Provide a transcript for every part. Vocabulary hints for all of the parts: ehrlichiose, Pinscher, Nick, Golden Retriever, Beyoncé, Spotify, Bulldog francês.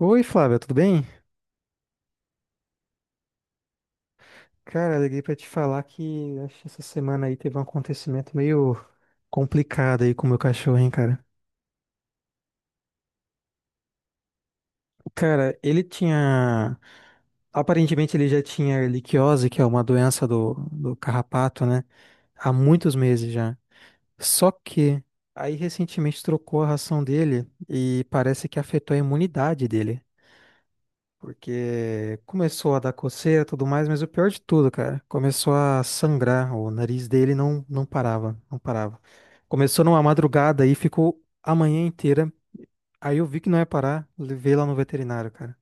Oi, Flávia, tudo bem? Cara, liguei pra te falar que acho que essa semana aí teve um acontecimento meio complicado aí com o meu cachorro, hein, cara. Cara, ele tinha. Aparentemente ele já tinha ehrlichiose, que é uma doença do carrapato, né? Há muitos meses já. Só que aí recentemente trocou a ração dele e parece que afetou a imunidade dele. Porque começou a dar coceira e tudo mais, mas o pior de tudo, cara, começou a sangrar. O nariz dele não, não parava, não parava. Começou numa madrugada e ficou a manhã inteira. Aí eu vi que não ia parar, levei lá no veterinário, cara.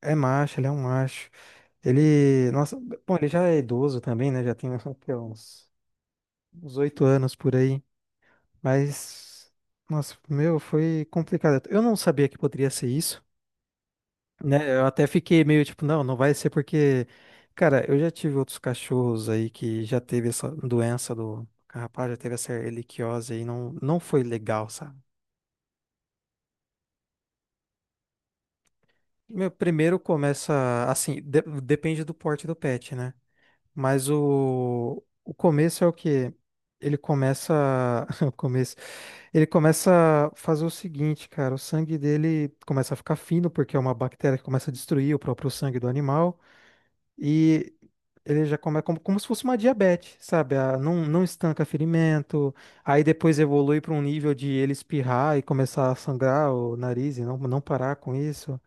É macho, ele é um macho. Ele, nossa, bom, ele já é idoso também, né? Já tem o quê, uns 8 anos por aí. Mas, nossa, meu, foi complicado. Eu não sabia que poderia ser isso. Né? Eu até fiquei meio tipo, não, não vai ser porque, cara, eu já tive outros cachorros aí que já teve essa doença do carrapato, já teve essa erliquiose aí, não, não foi legal, sabe? Meu, primeiro começa, assim, depende do porte do pet, né? Mas o começo é o quê? Ele começa, o começo, ele começa a fazer o seguinte, cara, o sangue dele começa a ficar fino, porque é uma bactéria que começa a destruir o próprio sangue do animal. E ele já começa como, como se fosse uma diabetes, sabe? Não, não estanca ferimento, aí depois evolui para um nível de ele espirrar e começar a sangrar o nariz e não, não parar com isso.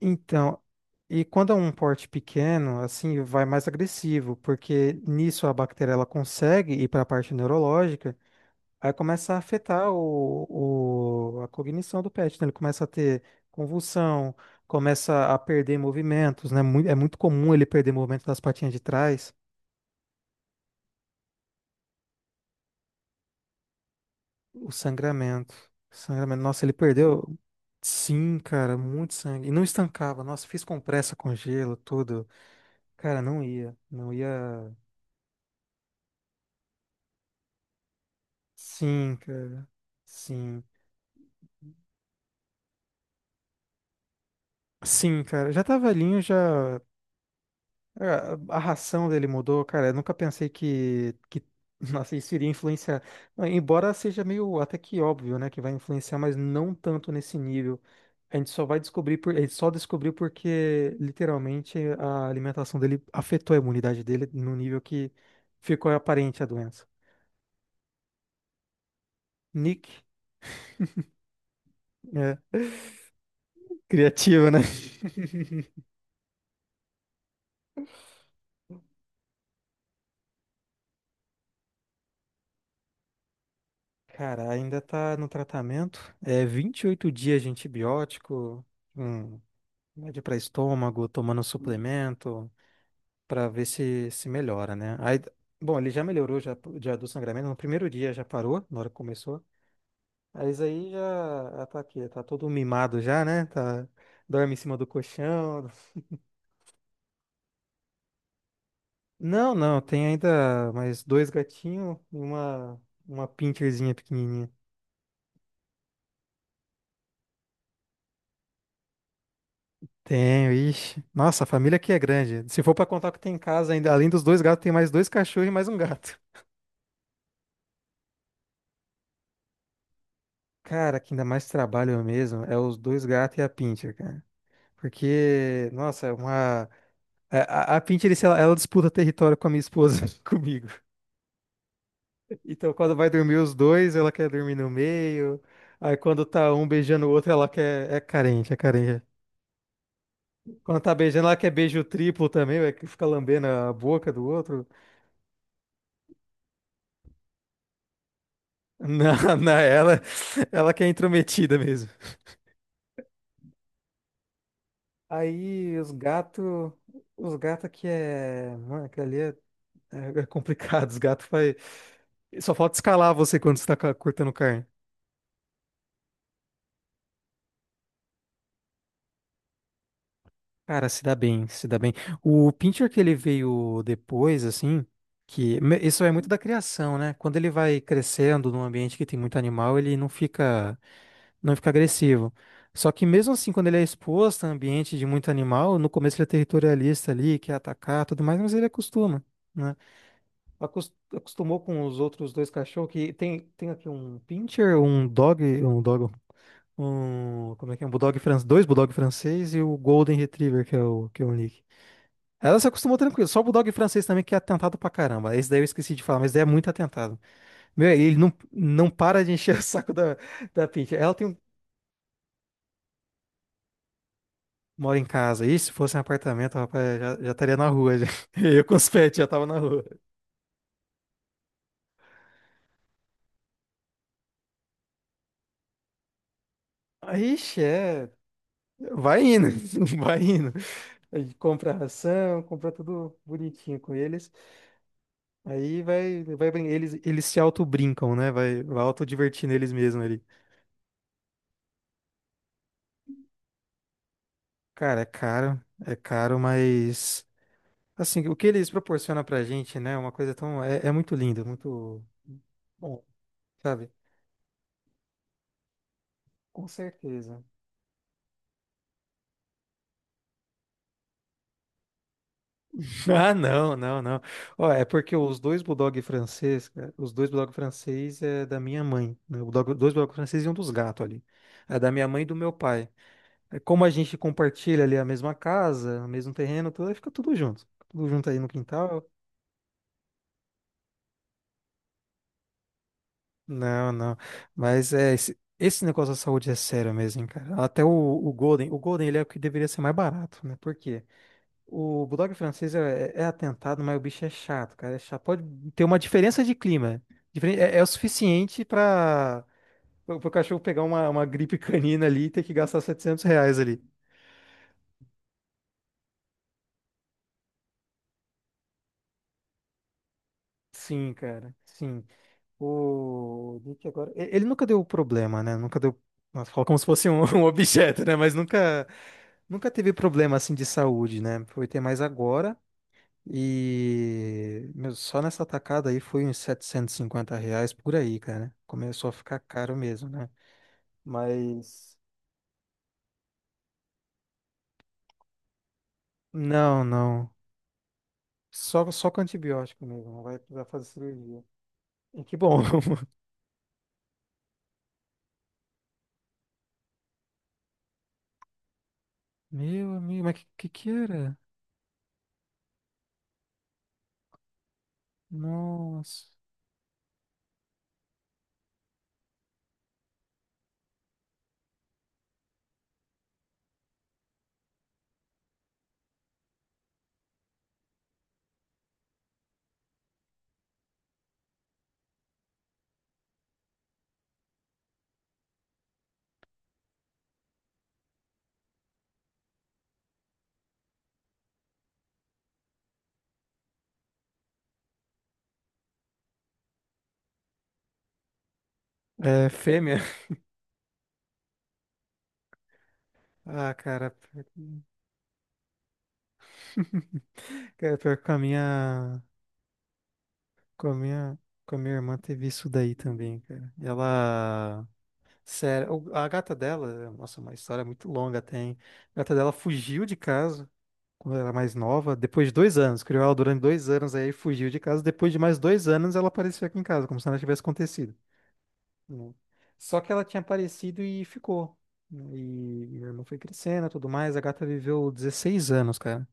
Então, e quando é um porte pequeno, assim, vai mais agressivo, porque nisso a bactéria ela consegue ir para a parte neurológica. Aí começa a afetar a cognição do pet, né? Ele começa a ter convulsão, começa a perder movimentos, né? É muito comum ele perder movimento das patinhas de trás. O sangramento. Sangramento. Nossa, ele perdeu. Sim, cara, muito sangue. E não estancava. Nossa, fiz compressa com gelo, tudo. Cara, não ia. Não ia. Sim, cara. Sim. Sim, cara. Já tá velhinho, já. A ração dele mudou, cara. Eu nunca pensei que nossa, isso iria influenciar. Ah, embora seja meio até que óbvio, né, que vai influenciar, mas não tanto nesse nível. A gente só vai descobrir por, a gente só descobriu porque literalmente a alimentação dele afetou a imunidade dele no nível que ficou aparente a doença. Nick, né? Criativo, né? Cara, ainda tá no tratamento. É 28 dias de antibiótico. Um remédio para estômago, tomando suplemento, para ver se melhora, né? Aí, bom, ele já melhorou já, já do sangramento, no primeiro dia já parou, na hora que começou. Aí já, já tá aqui, tá todo mimado já, né? Tá, dorme em cima do colchão. Não, não, tem ainda mais dois gatinhos e uma pincherzinha pequenininha. Tenho, ixi. Nossa, a família aqui é grande. Se for para contar o que tem em casa, ainda, além dos dois gatos, tem mais dois cachorros e mais um gato. Cara, que ainda mais trabalho mesmo é os dois gatos e a Pinscher, cara. Porque, nossa, é uma. A Pinscher, ela, ela disputa território com a minha esposa, comigo. Então, quando vai dormir os dois, ela quer dormir no meio. Aí, quando tá um beijando o outro, ela quer. É carente, é carente. Quando tá beijando, ela quer beijo triplo também, vai que fica lambendo a boca do outro. Na, na ela, ela que é intrometida mesmo. Aí, os gatos. Os gatos que é. Mano, aquele ali é. É complicado, os gatos vai. Só falta escalar você quando você tá cortando carne. Cara, se dá bem, se dá bem. O Pinscher que ele veio depois, assim, que isso é muito da criação, né? Quando ele vai crescendo num ambiente que tem muito animal, ele não fica, não fica agressivo. Só que mesmo assim, quando ele é exposto a ambiente de muito animal, no começo ele é territorialista ali, quer atacar, tudo mais, mas ele acostuma, né? Acostumou com os outros dois cachorros que tem, tem aqui um Pinscher, um dog um, como é que é? Um Bulldog francês, dois Bulldog francês e o Golden Retriever, que é o Nick. Ela se acostumou tranquilo. Só o Bulldog francês também, que é atentado pra caramba. Esse daí eu esqueci de falar, mas daí é muito atentado. Meu, ele não, não para de encher o saco da, Pinty. Ela tem um- mora em casa. E se fosse um apartamento, rapaz, já, já estaria na rua. Já. Eu com os pets já tava na rua. Aí, é. Vai indo, vai indo. A gente compra ração, compra tudo bonitinho com eles. Aí vai, vai, eles, eles se auto-brincam, né? Vai, vai auto divertir neles mesmos ali. Cara, é caro, mas assim, o que eles proporcionam pra gente, né? É uma coisa tão, é, é muito lindo, muito bom, sabe? Com certeza. Ah, não, não, não. Ó, é porque os dois bulldog francês, cara, os dois bulldog francês é da minha mãe, né? O dois bulldog francês e um dos gatos ali. É da minha mãe e do meu pai. É. Como a gente compartilha ali a mesma casa, o mesmo terreno, tudo, aí fica tudo junto. Tudo junto aí no quintal. Não, não. Mas é, esse negócio da saúde é sério mesmo, hein, cara. Até o Golden ele é o que deveria ser mais barato, né? Por quê? O Bulldog francês é, é atentado, mas o bicho é chato, cara. É chato. Pode ter uma diferença de clima. É, é o suficiente para o cachorro pegar uma gripe canina ali e ter que gastar R$ 700 ali. Sim, cara. Sim. O Nick agora. Ele nunca deu problema, né? Nunca deu. Nossa, fala como se fosse um, um objeto, né? Mas nunca, nunca teve problema assim de saúde, né? Foi ter mais agora. E meu, só nessa atacada aí foi uns R$ 750 por aí, cara. Começou a ficar caro mesmo, né? Mas. Não, não. Só, só com antibiótico mesmo. Não vai precisar fazer cirurgia. E que bom. Meu amigo, mas que, que era? Nossa. É, fêmea? Ah, cara. Cara, pior que com a minha, com a minha, com a minha irmã teve isso daí também, cara. Ela, sério, a gata dela, nossa, uma história muito longa tem. A gata dela fugiu de casa quando ela era mais nova, depois de 2 anos, criou ela durante 2 anos aí, fugiu de casa. Depois de mais 2 anos, ela apareceu aqui em casa, como se nada tivesse acontecido. Né? Só que ela tinha aparecido e ficou. Né? E minha irmã foi crescendo e tudo mais. A gata viveu 16 anos, cara.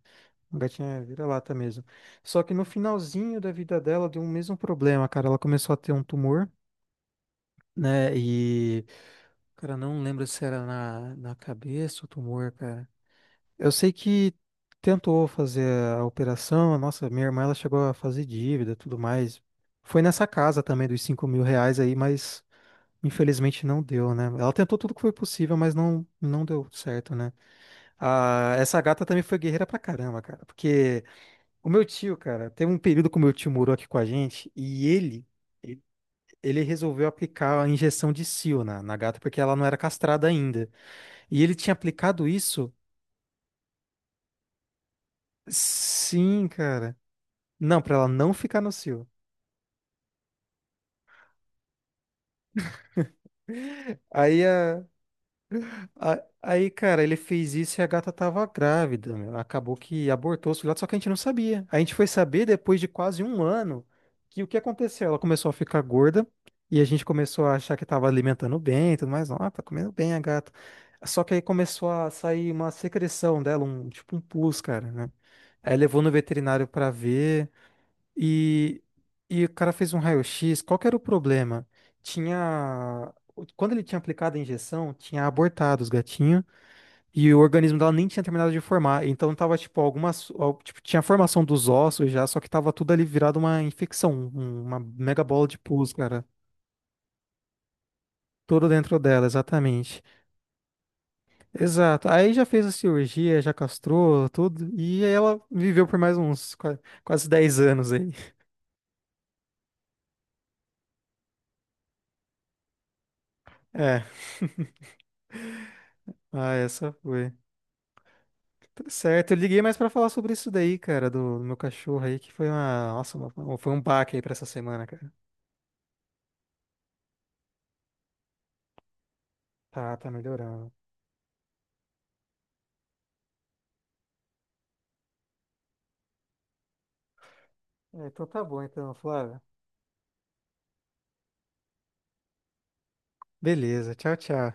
A gatinha é vira-lata mesmo. Só que no finalzinho da vida dela deu o mesmo problema, cara. Ela começou a ter um tumor, né? E, cara, não lembro se era na, na cabeça o tumor, cara. Eu sei que tentou fazer a operação. Nossa, minha irmã, ela chegou a fazer dívida, e tudo mais. Foi nessa casa também dos R$ 5.000 aí, mas infelizmente não deu, né? Ela tentou tudo que foi possível, mas não, não deu certo, né? Ah, essa gata também foi guerreira pra caramba, cara. Porque. O meu tio, cara, teve um período que o meu tio morou aqui com a gente e ele, ele ele resolveu aplicar a injeção de cio na gata porque ela não era castrada ainda. E ele tinha aplicado isso, sim, cara. Não, pra ela não ficar no cio. Aí a. Aí, cara, ele fez isso e a gata tava grávida, meu. Acabou que abortou os filhotes, só que a gente não sabia. A gente foi saber depois de quase um ano que o que aconteceu? Ela começou a ficar gorda e a gente começou a achar que tava alimentando bem e tudo mais. Ah, tá comendo bem a gata. Só que aí começou a sair uma secreção dela, um tipo um pus, cara, né? Aí levou no veterinário pra ver e, e o cara fez um raio-x. Qual que era o problema? Tinha. Quando ele tinha aplicado a injeção, tinha abortado os gatinhos. E o organismo dela nem tinha terminado de formar. Então tava, tipo, algumas. Tipo, tinha a formação dos ossos já, só que tava tudo ali virado uma infecção, uma mega bola de pus, cara. Tudo dentro dela, exatamente. Exato. Aí já fez a cirurgia, já castrou tudo. E ela viveu por mais uns quase 10 anos aí. É. Ah, essa foi. Tá certo. Eu liguei mais pra falar sobre isso daí, cara, do meu cachorro aí, que foi uma. Nossa, uma- foi um baque aí pra essa semana, cara. Tá, tá melhorando. É, então tá bom, então, Flávio. Beleza, tchau, tchau.